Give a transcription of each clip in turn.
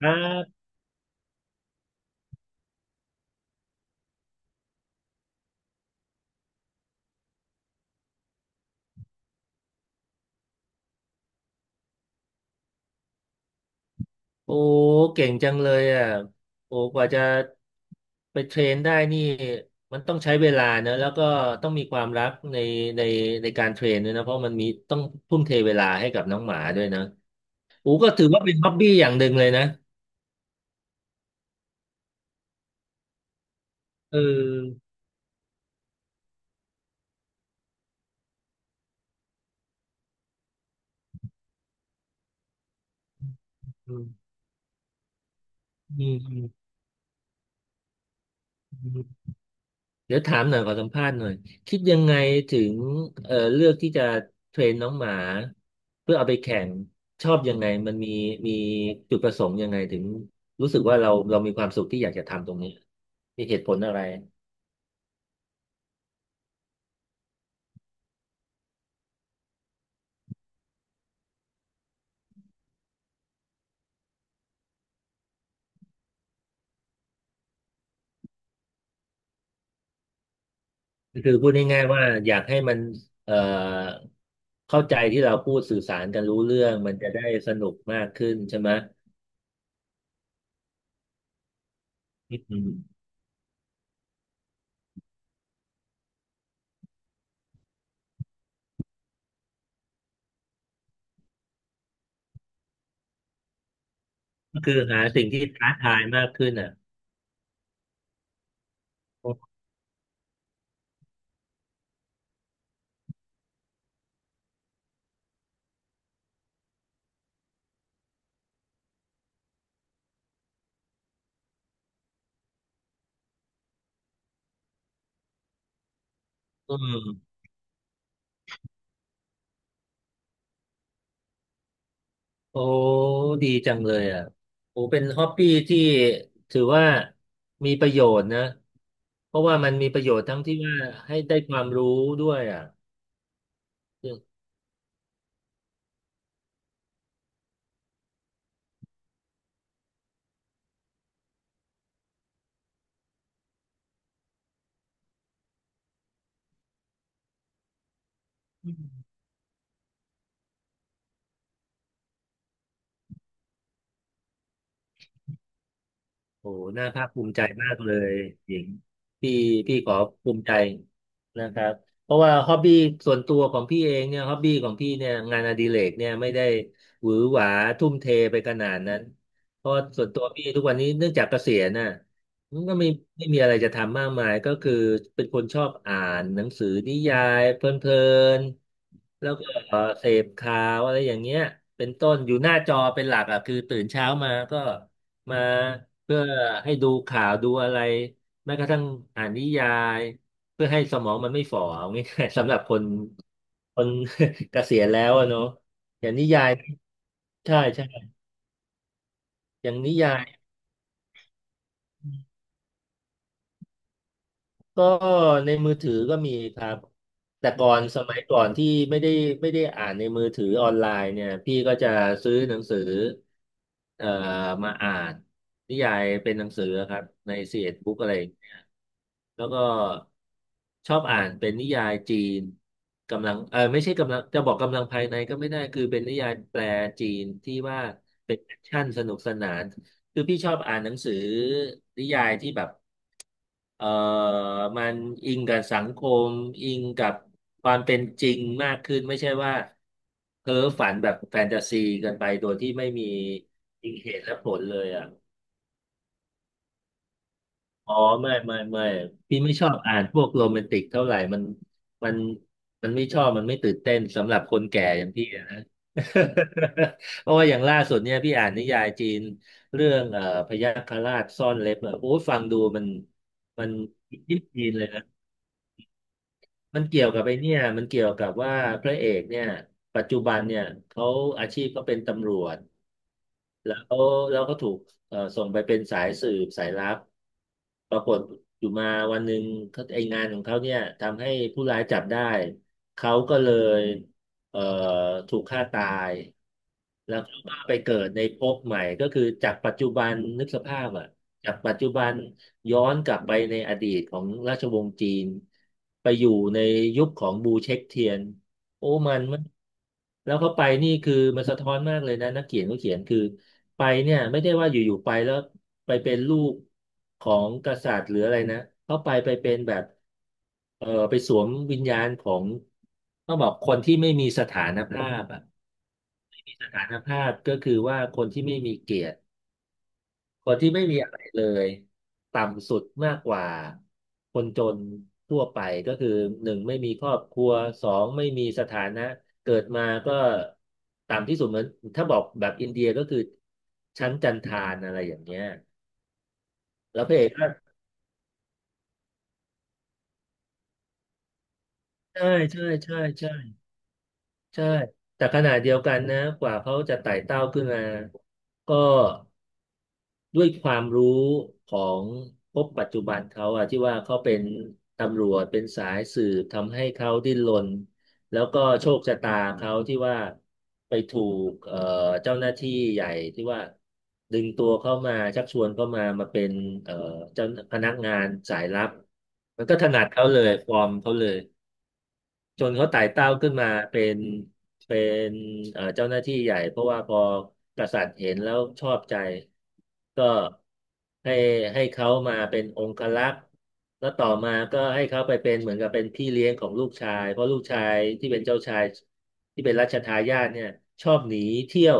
ครับโอ้เก่งจังเลยอ่ะโอ้กว่าจะไปเทรนได้นี่มันต้องใช้เวลานะแล้วก็ต้องมีความรักในในในการเทรนด้วยนะเพราะมันมีต้องทุ่มเทเวลาให้กับน้องหมาด้วยนะโอ้ก็ถือว่าเป็นฮ็อบบี้อย่างหนึ่งเลยนะเอออืมอืม เดี๋ยวถามหน่อยขอสัมภาษณ์หน่อยคิดยังไงถึงเลือกที่จะเทรนน้องหมาเพื่อเอาไปแข่งชอบยังไงมันมีจุดประสงค์ยังไงถึงรู้สึกว่าเรามีความสุขที่อยากจะทำตรงนี้มีเหตุผลอะไรคือพูดง่ายๆว่าอยากให้มันเอ่อเข้าใจที่เราพูดสื่อสารกันรู้เรื่องมันจะได้สนุกมากขึ้นใช่ไหมอืมก็คือหาสิ่งที่ท้าทายมากขึ้นอ่ะอืม โอ้ดีจังเลยอ่ะโอ้เป็นฮอปปี้ที่ถือว่ามีประโยชน์นะเพราะว่ามันมีประโยชน์ทั้งที่ว่าให้ได้ความรู้ด้วยอ่ะ โอ้โหน่าภาคภูมิใจมากเลยหญิงพี่พี่ขอภูมิใจนะครับเพราะว่าฮอบบี้ส่วนตัวของพี่เองเนี่ยฮอบบี้ของพี่เนี่ยงานอดิเรกเนี่ยไม่ได้หวือหวาทุ่มเทไปขนาดนั้นเพราะส่วนตัวพี่ทุกวันนี้เนื่องจากเกษียณน่ะมันก็ไม่มีอะไรจะทำมากมายก็คือเป็นคนชอบอ่านหนังสือนิยายเพลินๆแล้วก็เสพข่าวอะไรอย่างเงี้ยเป็นต้นอยู่หน้าจอเป็นหลักอ่ะคือตื่นเช้ามาก็ มาเพื่อให้ดูข่าวดูอะไรแม้กระทั่งอ่านนิยายเพื่อให้สมองมันไม่ฝ่อเอาง่ายๆ สำหรับคน เกษียณแล้วอะเนาะอย่างนิยายใช่ใช่อย่างนิยายก็ในมือถือก็มีครับแต่ก่อนสมัยก่อนที่ไม่ได้อ่านในมือถือออนไลน์เนี่ยพี่ก็จะซื้อหนังสือเอ่อมาอ่านนิยายเป็นหนังสือครับในเซีเอ็ดบุ๊กอะไร แล้วก็ชอบอ่านเป็นนิยายจีนกำลังเออไม่ใช่กำลังจะบอกกำลังภายในก็ไม่ได้คือเป็นนิยายแปลจีนที่ว่าเป็นแอคชั่นสนุกสนานคือพี่ชอบอ่านหนังสือนิยายที่แบบเออมันอิงกับสังคมอิงกับความเป็นจริงมากขึ้นไม่ใช่ว่าเพ้อฝันแบบแฟนตาซีเกันไปโดยที่ไม่มีจริงเหตุและผลเลยอ่ะ อ๋อไม่ไม่ไม่พี่ไม่ชอบอ่านพวกโรแมนติกเท่าไหร่มันมันไม่ชอบมันไม่ตื่นเต้นสำหรับคนแก่อย่างพี่อะนะ เพราะว่าอย่างล่าสุดเนี่ยพี่อ่านนิยายจีนเรื่องพยัคฆราชซ่อนเล็บอะโอ้ยฟังดูมันยิบจีนเลยนะมันเกี่ยวกับไอ้เนี่ยมันเกี่ยวกับว่าพระเอกเนี่ยปัจจุบันเนี่ยเขาอาชีพก็เป็นตำรวจ แล้วแล้วก็ถูกส่งไปเป็นสายสืบสายลับปรากฏอยู่มาวันหนึ่งเขาไองานของเขาเนี่ยทำให้ผู้ร้ายจับได้เขาก็เลยเอ่อถูกฆ่าตายแล้วเขาก็ไปเกิดในภพใหม่ก็คือจากปัจจุบันนึกสภาพอ่ะจากปัจจุบันย้อนกลับไปในอดีตของราชวงศ์จีนไปอยู่ในยุคของบูเช็คเทียน โอ้มันแล้วเขาไปนี่คือมันสะท้อนมากเลยนะนักเขียนเขาเขียนคือไปเนี่ยไม่ได้ว่าอยู่ๆไปแล้วไปเป็นลูกของกษัตริย์หรืออะไรนะเขาไปเป็นแบบไปสวมวิญญาณของต้องบอกคนที่ไม่มีสถานภาพอ่ะมีสถานภาพก็คือว่าคนที่ไม่มีเกียรติ คนที่ไม่มีอะไรเลยต่ำสุดมากกว่าคนจนทั่วไปก็คือหนึ่งไม่มีครอบครัวสองไม่มีสถานะเกิดมาก็ต่ำที่สุดเหมือนถ้าบอกแบบอินเดียก็คือชั้นจันทานอะไรอย่างเงี้ยแล้วพระเอกก็ใช่ใช่ใช่ใช่ใช่แต่ขณะเดียวกันนะกว่าเขาจะไต่เต้าขึ้นมาก็ ด้วยความรู้ของพบปัจจุบันเขาอะที่ว่าเขาเป็นตำรวจเป็นสายสืบทำให้เขาดิ้นรนแล้วก็โชคชะตาเขาที่ว่าไปถูกเจ้าหน้าที่ใหญ่ที่ว่าดึงตัวเข้ามาชักชวนเข้ามาเป็นเอ่อเจ้าพนักงานสายลับมันก็ถนัดเขาเลยฟอร์มเขาเลย จนเขาไต่เต้าขึ้นมาเป็นเจ้าหน้าที่ใหญ่เพราะว่าพอกษัตริย์เห็นแล้วชอบใจก็ให้ให้เขามาเป็นองครักษ์แล้วต่อมาก็ให้เขาไปเป็นเหมือนกับเป็นพี่เลี้ยงของลูกชายเพราะลูกชายที่เป็นเจ้าชายที่เป็นรัชทายาทเนี่ยชอบหนีเที่ยว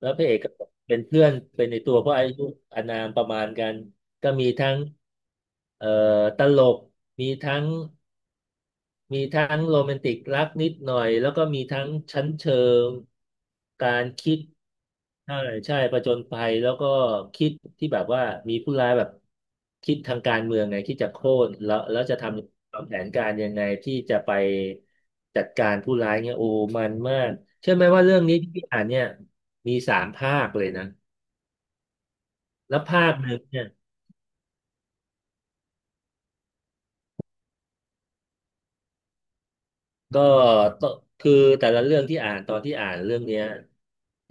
แล้วพระเอกก็เป็นเพื่อนเป็นในตัวเพราะอายุอานามประมาณกันก็มีทั้งเอ่อตลกมีทั้ง มีทั้งโรแมนติกรักนิดหน่อยแล้วก็มีทั้งชั้นเชิงการคิดใช่ใช่ประจนภัยแล้วก็คิดที่แบบว่ามีผู้ร้ายแบบคิดทางการเมืองไงคิดจะโค่นแล้วจะทำวางแผนการยังไงที่จะไปจัดการผู้ร้ายเงี่ยโอ้มันมากเชื่อไหมว่าเรื่องนี้ที่พี่อ่านเนี่ยมีสามภาคเลยนะแล้วภาคหนึ่งเนี่ย ก็ต้องคือแต่ละเรื่องที่อ่านตอนที่อ่านเรื่องเนี้ย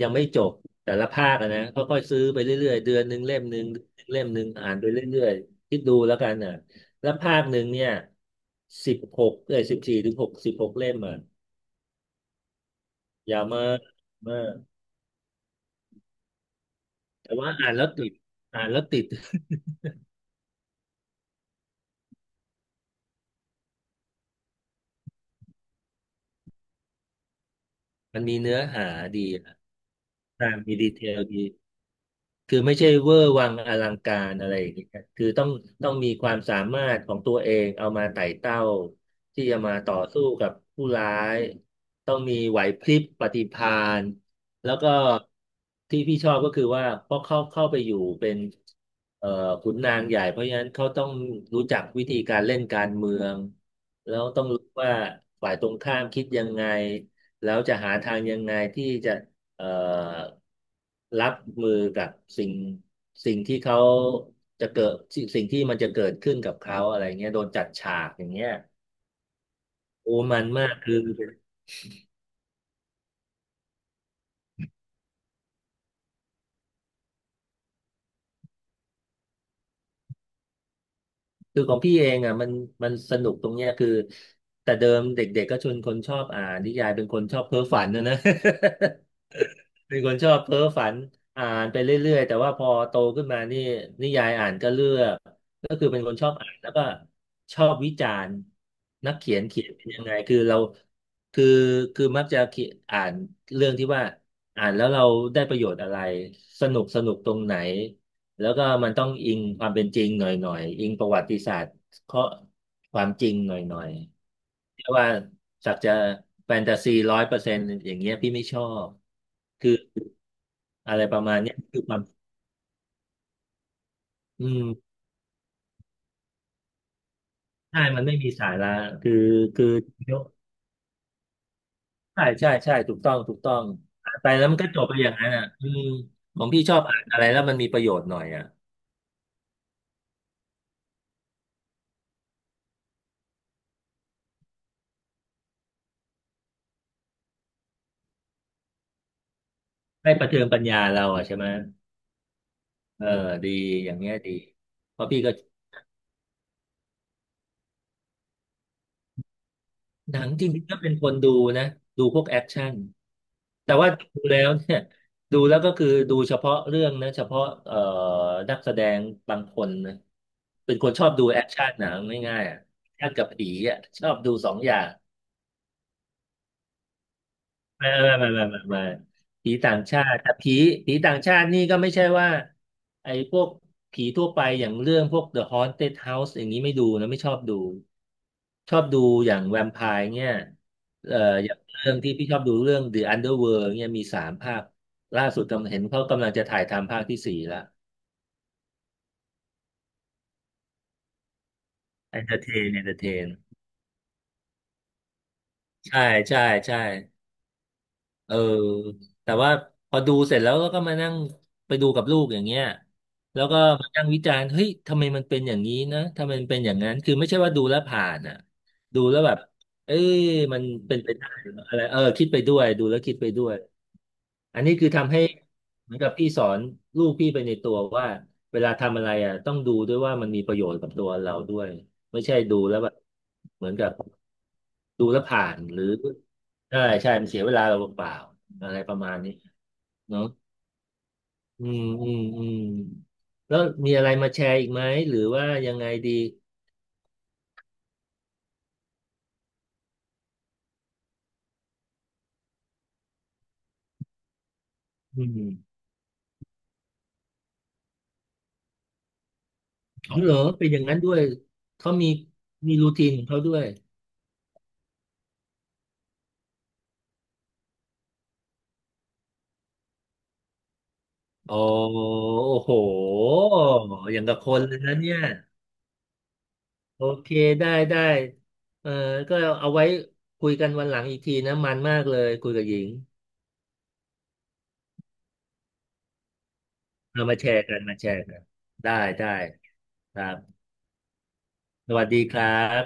ยังไม่จบแต่ละภาคอะนะค่อยๆซื้อไปเรื่อยๆเดือนหนึ่งเล่มหนึ่งอ่านไปเรื่อยๆคิดดูแล้วกันน่ะแล้วภาคหนึ่งเนี่ย14ถึง66เล่มอ่ะยาวมากมากแต่ว่าอ่านแล้วติดอ่านแล้วติด มันมีเนื้อหาดีอะอ่านมีดีเทลดี คือไม่ใช่เวอร์วังอลังการอะไรอย่างเงี้ยคือต้องมีความสามารถของตัวเองเอามาไต่เต้าที่จะมาต่อสู้กับผู้ร้าย ต้องมีไหวพริบปฏิภาณแล้วก็ที่พี่ชอบก็คือว่าเพราะเข้าไปอยู่เป็นเอ่อขุนนางใหญ่เพราะฉะนั้นเขาต้องรู้จักวิธีการเล่นการเมือง แล้วต้องรู้ว่าฝ่ายตรงข้ามคิดยังไงแล้วจะหาทางยังไงที่จะ เอ่อรับมือกับสิ่งสิ่งที่เขาจะเกิดสิ่งที่มันจะเกิดขึ้นกับเขาอะไรเงี้ยโดนจัดฉากอย่างเงี้ยโอ้มันมากคือของพี่เองอ่ะมันสนุกตรงเนี้ยคือแต่เดิมเด็กๆก็ชวนคนชอบอ่านนิยายเป็นคนชอบเพ้อฝันนะนะ เป็นคนชอบเพ้อฝันอ่านไปเรื่อยๆแต่ว่าพอโตขึ้นมานี่นิยายอ่านก็เลือกก็คือเป็นคนชอบอ่านแล้วก็ชอบวิจารณ์นักเขียนเขียนเป็นยังไงคือเราคือคือมักจะเขียนอ่านเรื่องที่ว่าอ่านแล้วเราได้ประโยชน์อะไรสนุกสนุกตรงไหนแล้วก็มันต้องอิงความเป็นจริงหน่อยหน่อยอิงประวัติศาสตร์ข้อความจริงหน่อยหน่อยเรียกว่าสักจะแฟนตาซี100%อย่างเงี้ยพี่ไม่ชอบคือ อะไรประมาณเนี้ยคือความอืมใช่ มันไม่มีสาระคือคือใช่ใช่ใช่ถูกต้องถูกต้องอ่านไปแล้วมันก็จบไปอย่างนั้นอ่ะอืมของพี่ชอบอ่านอะไรแล้วมันมีประโยชน์หน่อยอ่ะให้ประเทืองปัญญาเราอ่ะใช่ไหมเออดีอย่างเงี้ยดีเพราะพี่ก็ หนังจริงๆก็เป็นคนดูนะดูพวกแอคชั่นแต่ว่าดูแล้วเนี่ยดูแล้วก็คือดูเฉพาะเรื่องนะเฉพาะนักแสดงบางคนนะเป็นคนชอบดูแอคชั่นหนังง่ายๆอะแอคชั่นกับผีอ่ะชอบดูสองอย่าง ไม่ไม่ไม่ไม่ไม่ไม่ผีต่างชาติ แต่ผีต่างชาตินี่ก็ไม่ใช่ว่าไอ้พวกผีทั่วไปอย่างเรื่องพวก The Haunted House อย่างนี้ไม่ดูนะไม่ชอบดู ชอบดูอย่างแวมไพร์เนี่ยเอ่ออย่างเรื่องที่พี่ชอบดูเรื่อง The Underworld เนี่ยมีสามภาคล่าสุดกำลังเห็นเขากำลังจะถ่ายทำภาคที่สี่ละ Entertain Entertain ใช่ใช่ใช่ เออแต่ว่าพอดูเสร็จแล้วก็มานั่งไปดูกับลูกอย่างเงี้ยแล้วก็มานั่งวิจารณ์เฮ้ยทำไมมันเป็นอย่างนี้นะทำไมมันเป็นอย่างนั้นคือไม่ใช่ว่าดูแล้วผ่านอ่ะดูแล้วแบบเอ้ยมันเป็นไปได้เหรออะไรเออคิดไปด้วยดูแล้วคิดไปด้วยอันนี้คือทำให้เหมือนกับพี่สอนลูกพี่ไปในตัวว่าเวลาทำอะไรอ่ะต้องดูด้วยว่ามันมีประโยชน์กับตัวเราด้วยไม่ใช่ดูแล้วแบบเหมือนกับดูแล้วผ่านหรือ ใช่ใช่มันเสียเวลาเราเปล่าๆอะไรประมาณนี้เนาะอืมอืมอืมแล้วมีอะไรมาแชร์อีกไหมหรือว่ายังไงดีอืมอ๋อเหรอเป็นอย่างนั้นด้วยเขามีรูทีนของเขาด้วยโอ้โหอย่างกับคนเลยนะเนี่ยโอเคได้ได้เออก็เอาไว้คุยกันวันหลังอีกทีนะมันมากเลยคุยกับหญิงเอามาแชร์กันมาแชร์กันได้ได้ครับสวัสดีครับ